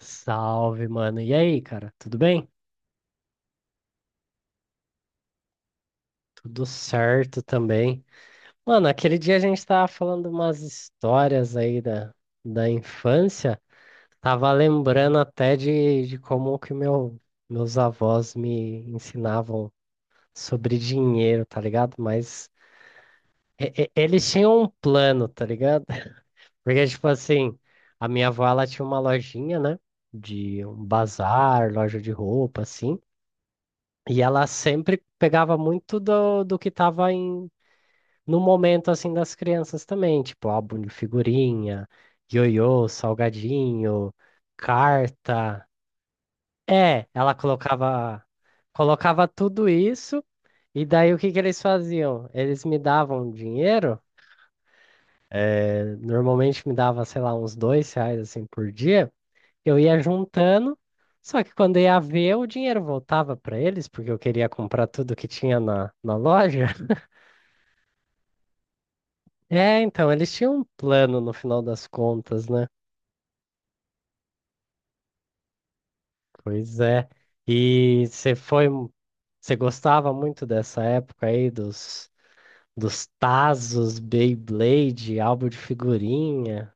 Salve, mano. E aí, cara? Tudo bem? Tudo certo também. Mano, aquele dia a gente tava falando umas histórias aí da infância. Tava lembrando até de como que meus avós me ensinavam sobre dinheiro, tá ligado? Mas eles tinham um plano, tá ligado? Porque, tipo assim, a minha avó, ela tinha uma lojinha, né? De um bazar, loja de roupa, assim. E ela sempre pegava muito do que estava em, no momento assim das crianças também, tipo álbum de figurinha, ioiô, salgadinho, carta. É, ela colocava tudo isso. E daí o que que eles faziam? Eles me davam dinheiro, normalmente me dava, sei lá, uns R$ 2 assim por dia. Eu ia juntando, só que quando ia ver, o dinheiro voltava para eles porque eu queria comprar tudo que tinha na loja. É, então, eles tinham um plano no final das contas, né? Pois é. E você foi. Você gostava muito dessa época aí dos Tazos, Beyblade, álbum de figurinha?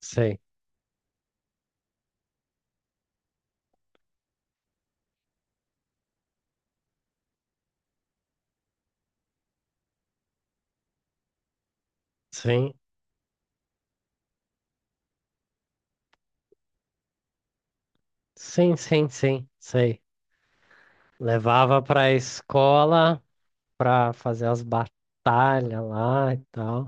Sei. Sim. Sim, sim, sim, sei. Levava pra escola pra fazer as batalhas lá e tal.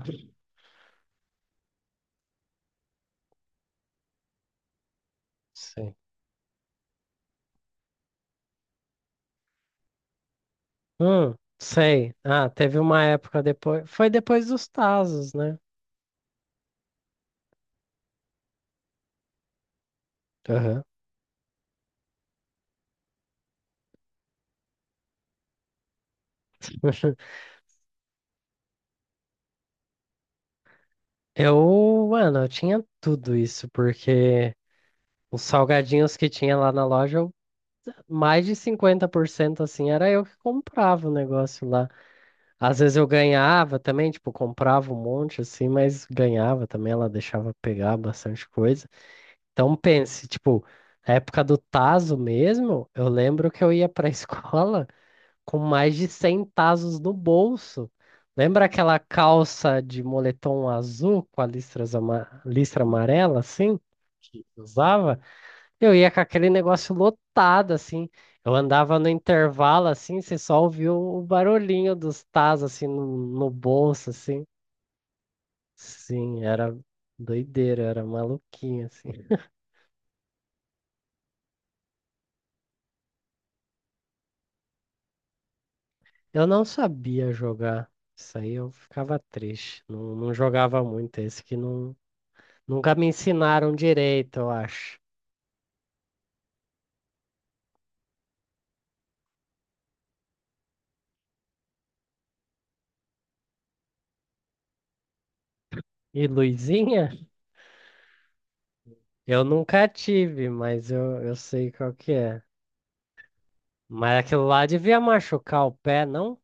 Sei. Sei. Ah, teve uma época depois. Foi depois dos Tazos, né? Aham. Eu, mano, eu tinha tudo isso, porque os salgadinhos que tinha lá na loja, mais de 50% assim, era eu que comprava o negócio lá. Às vezes eu ganhava também, tipo, comprava um monte assim, mas ganhava também, ela deixava pegar bastante coisa. Então pense, tipo, na época do tazo mesmo, eu lembro que eu ia pra escola com mais de 100 tazos no bolso. Lembra aquela calça de moletom azul com a listra amarela, assim? Que usava, eu ia com aquele negócio lotado, assim. Eu andava no intervalo, assim, você só ouvia o barulhinho dos tazos, assim, no bolso, assim. Sim, era doideira, era maluquinho, assim. Eu não sabia jogar. Isso aí eu ficava triste. Não, não jogava muito. Esse que não, nunca me ensinaram direito, eu acho. E luzinha? Eu nunca tive, mas eu sei qual que é. Mas aquilo lá devia machucar o pé, não?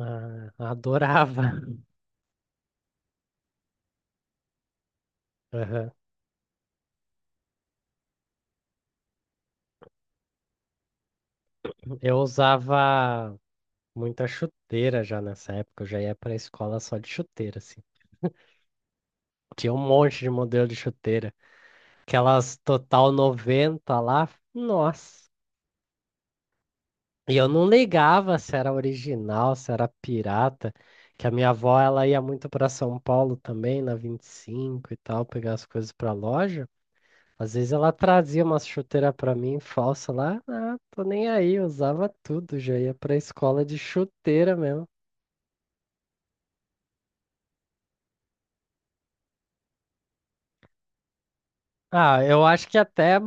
Ah, adorava. Aham. Eu usava muita chuteira já nessa época. Eu já ia pra escola só de chuteira, assim. Tinha um monte de modelo de chuteira. Aquelas Total 90 lá. Nossa. E eu não ligava se era original, se era pirata, que a minha avó ela ia muito para São Paulo também, na 25 e cinco e tal, pegar as coisas para loja. Às vezes ela trazia uma chuteira para mim falsa lá, ah, tô nem aí, eu usava tudo, já ia para escola de chuteira mesmo. Ah, eu acho que até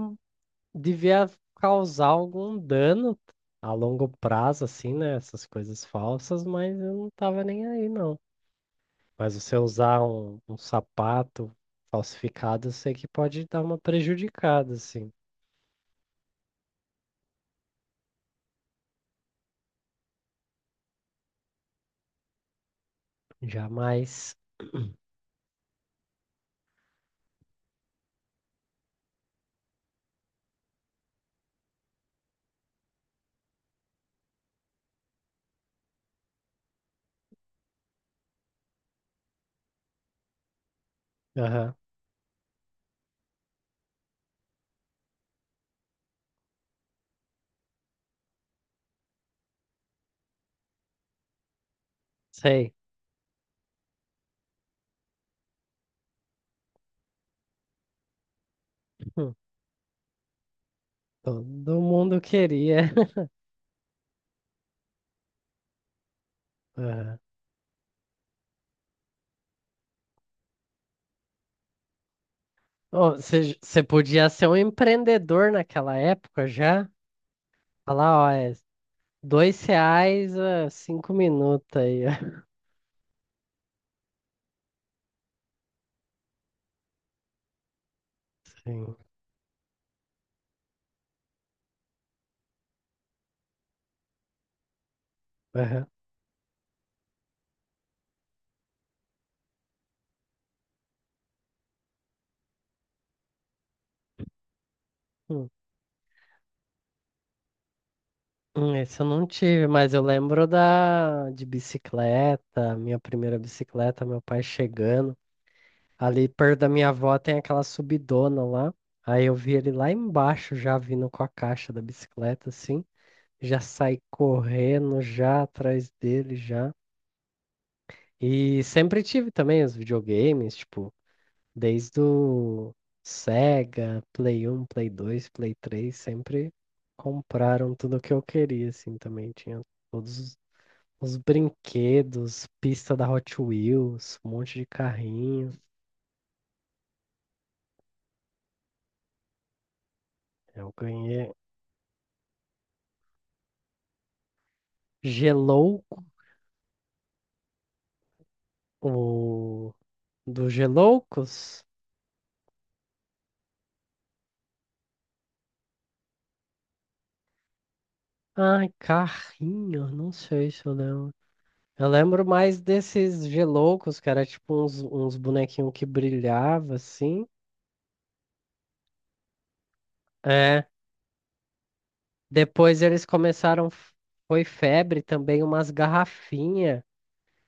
devia causar algum dano a longo prazo, assim, né? Essas coisas falsas, mas eu não tava nem aí, não. Mas você usar um sapato falsificado, eu sei que pode dar uma prejudicada, assim. Jamais. Aham. Sei. Hum. Todo mundo queria. Aham. Ô, Você podia ser um empreendedor naquela época já? Falar, ó, é R$ 2 a 5 minutos aí. Sim. Aham. Hum. Esse eu não tive, mas eu lembro da de bicicleta, minha primeira bicicleta, meu pai chegando. Ali perto da minha avó tem aquela subidona lá. Aí eu vi ele lá embaixo já vindo com a caixa da bicicleta, assim. Já saí correndo já atrás dele já. E sempre tive também os videogames, tipo, desde o Sega, Play 1, Play 2, Play 3, sempre compraram tudo o que eu queria, assim, também. Tinha todos os brinquedos, pista da Hot Wheels, um monte de carrinho. Eu ganhei. Gelou. O do Geloucos? Ai, carrinho, não sei se eu lembro. Eu lembro mais desses Geloucos, que era tipo uns bonequinhos que brilhava assim. É. Depois eles começaram, foi febre também, umas garrafinhas.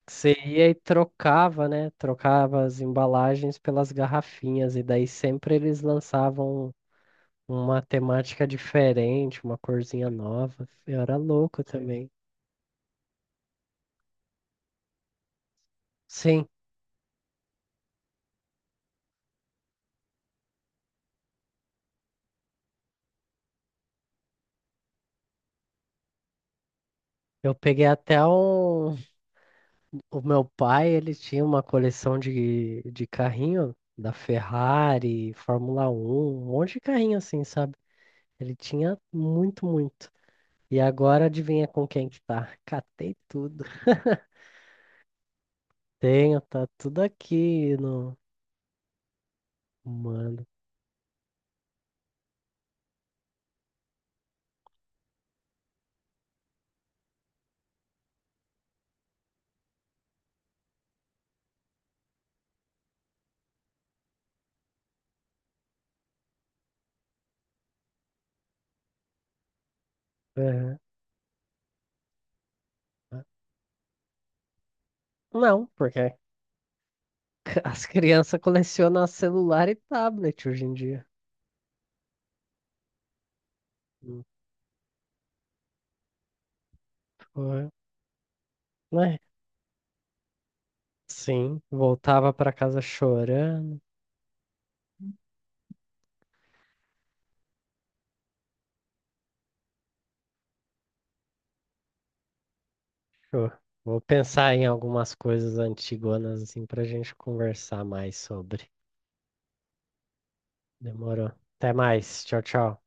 Que você ia e trocava, né? Trocava as embalagens pelas garrafinhas. E daí sempre eles lançavam uma temática diferente, uma corzinha nova. Eu era louco também. Sim. Eu peguei até um. O meu pai, ele tinha uma coleção de carrinho da Ferrari, Fórmula 1, um monte de carrinho assim, sabe? Ele tinha muito, muito. E agora adivinha com quem que tá? Catei tudo. Tenho, tá tudo aqui no. Mano. É. Não, porque as crianças colecionam celular e tablet hoje em dia. Não, né? Sim, voltava pra casa chorando. Fechou. Vou pensar em algumas coisas antigonas assim para a gente conversar mais sobre. Demorou. Até mais. Tchau, tchau.